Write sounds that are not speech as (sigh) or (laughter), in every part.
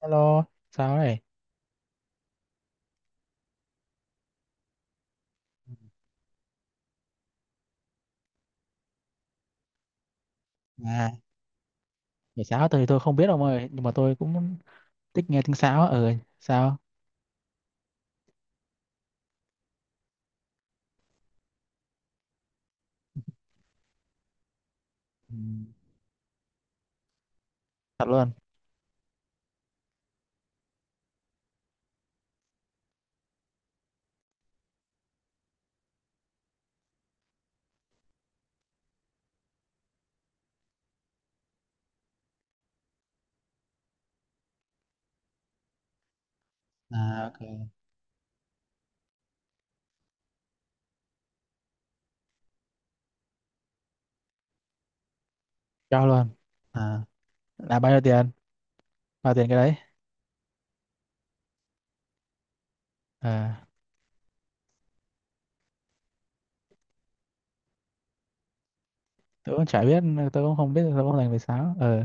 Hello, sao đấy? À, nhảy sáo tôi thì tôi không biết ông ơi, nhưng mà tôi cũng thích nghe tiếng sáo á. Ừ, sao? Ừ, thật luôn. À, ok. Cho luôn. À, là bao nhiêu tiền? Bao tiền cái đấy? À, tôi cũng chả biết, tôi cũng không biết, tôi không dành về sáo. Ờ,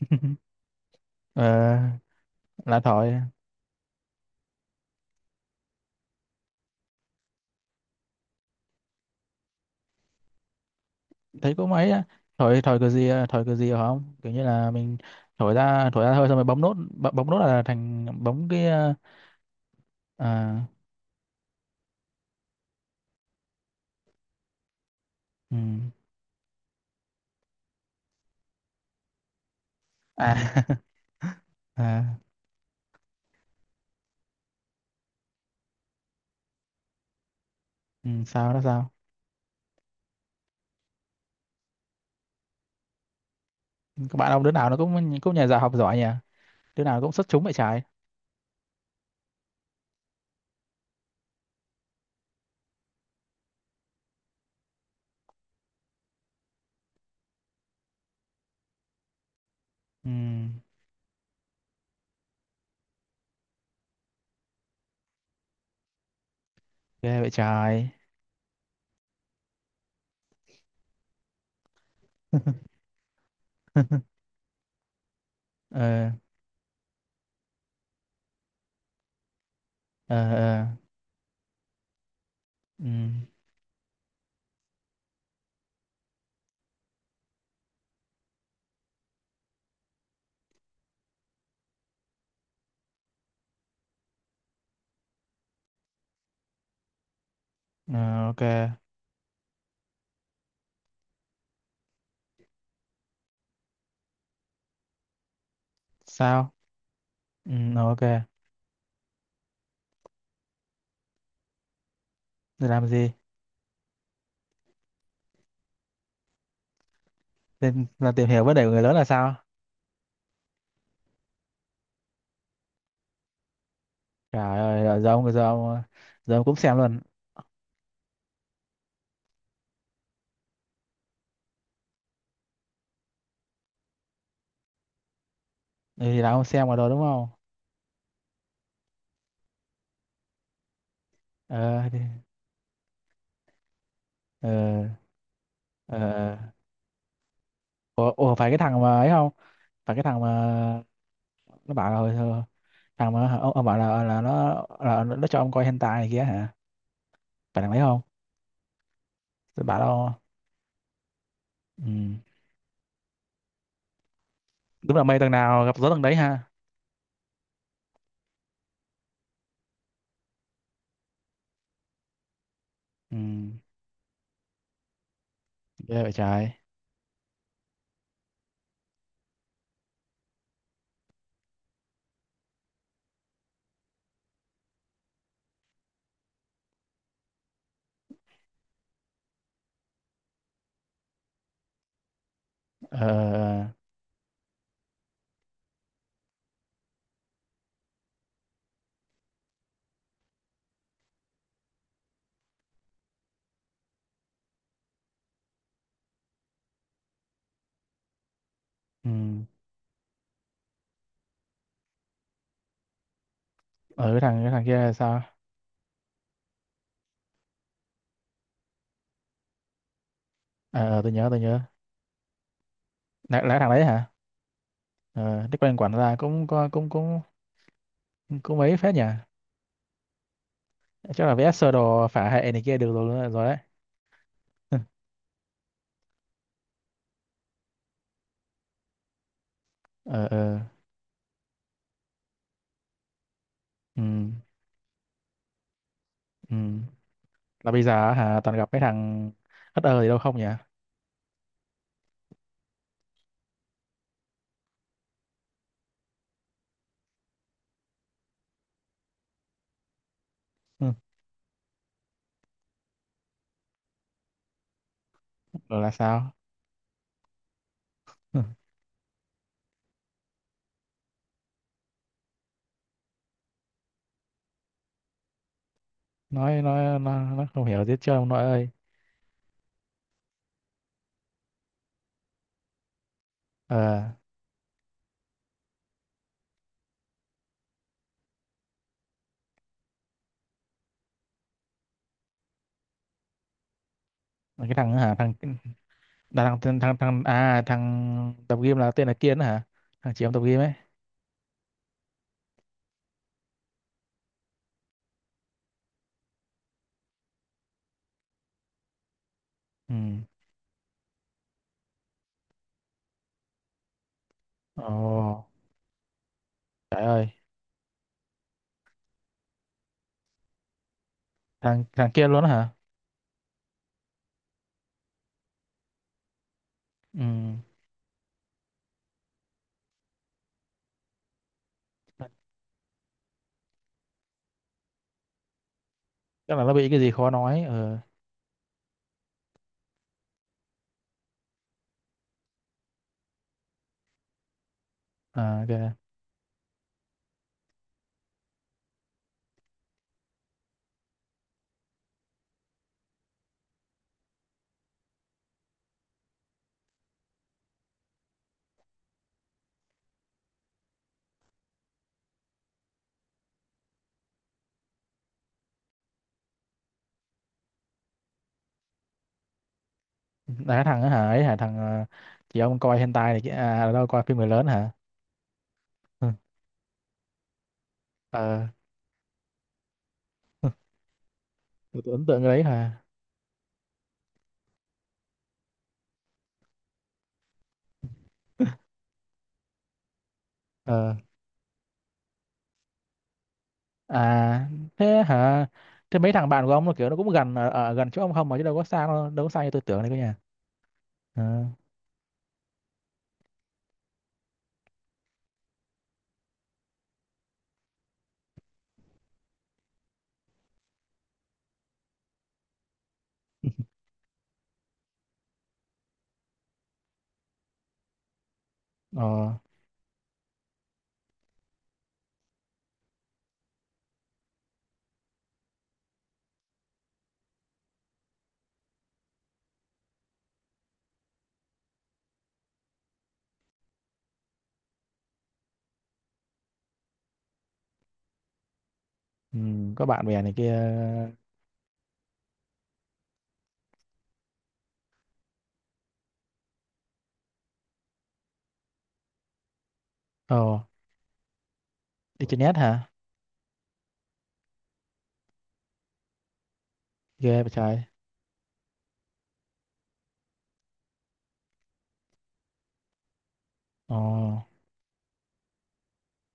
(laughs) Ờ, là thổi. Thấy cũng ấy á. Thổi thổi cái gì hả không? Kiểu như là mình thổi ra thôi, xong rồi bấm nốt, bấm nốt là thành bấm cái. Ờ, à, ừ. À, (laughs) à, ừ, sao đó sao? Các bạn ông đứa nào nó cũng cũng nhà giả học giỏi nhỉ, đứa nào cũng xuất chúng vậy trái. Ừ, ghê vậy trái. (laughs) Ờ ờ ờ. Ừ. Ờ, ok. Sao? Ừ, ok. Rồi làm gì? Lên là tìm hiểu vấn đề của người lớn là sao? Trời ơi, rồi giờ ông cũng xem luôn. Ừ, thì là ông xem rồi đó đúng không? Ờ thì, ờ ờ. Ủa, ủa, phải cái thằng mà ấy không? Phải cái thằng mà nó bảo là hồi- thằng mà ông bảo là nó là nó cho ông coi hentai này kia hả? Bạn làm ấy không? Tôi bảo đâu. Ừ. Đúng là mây tầng nào gặp gió tầng đấy ha. Ừ. Ghê vậy trời. Ờ. Ừ. Ở cái thằng kia là sao? Ờ ờ, tôi nhớ. Là thằng đấy hả? Ờ. Cái quen quản ra cũng có cũng cũng cũng mấy phết nhỉ. Chắc là vẽ sơ đồ phả hệ này kia được rồi rồi đấy. (laughs) Ờ ờ. Ừ. Ừ. Là bây giờ hả, toàn gặp cái thằng hất ơ gì đâu không nhỉ? (laughs) Ừ. Rồi là sao? (laughs) Ừ. Nói nó không hiểu gì hết ông nội ơi. Ờ. Mà cái thằng hả, thằng là thằng thằng thằng thằng- à, thằng tập gym là tên là Kiên đó hả, thằng chị em tập gym ấy. Ừ. Ồ. Trời ơi, thằng thằng Kiên luôn đó hả? Ừ. Chắc là nó bị cái gì khó nói. Ờ, à, kìa. Là cái thằng đó hả, ấy hả, thằng ờ, chị ông coi hentai này kia à, đâu coi phim người lớn hả? Ừ. Ờ, tôi ấn tượng cái đấy hả. Ờ. À, thế hả? Thế mấy thằng bạn của ông nó kiểu nó cũng gần ở gần chỗ ông không mà, chứ đâu có xa đâu, đâu có xa như tôi tưởng đấy cơ nhà. Ờ ờ. Ừ, có bạn bè này kia. Ờ, đi trên net hả? Ghê vậy trời. Ồ.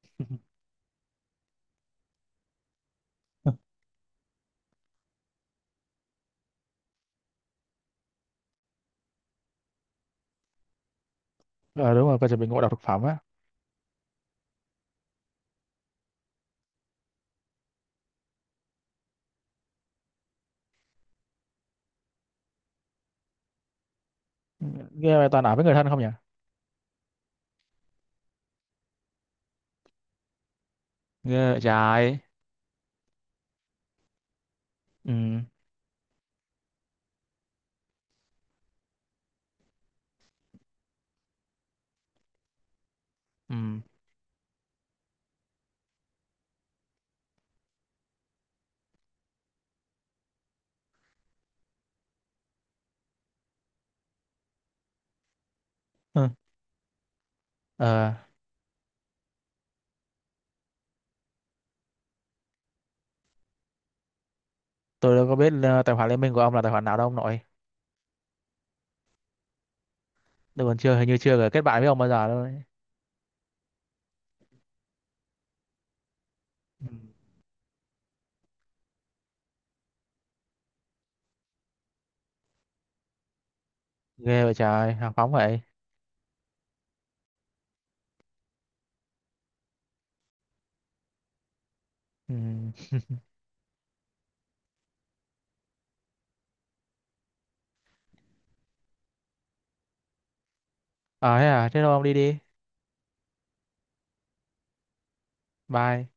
(laughs) Ờ đúng rồi, coi chuẩn bị ngộ độc thực phẩm á. Ghê vậy toàn ở với người thân không nhỉ. Ghê vậy trời. Ừ. Ừ. Hừ. Ờ, tôi đâu có biết ờ, tài khoản liên minh của ông là tài khoản nào đâu ông nội. Tôi còn chưa hình như chưa kết bạn với ông bao giờ đâu đấy. Ừ. Ghê vậy trời, hào phóng vậy. Ừ. Ờ thế à, thế thôi ông đi đi. Bye.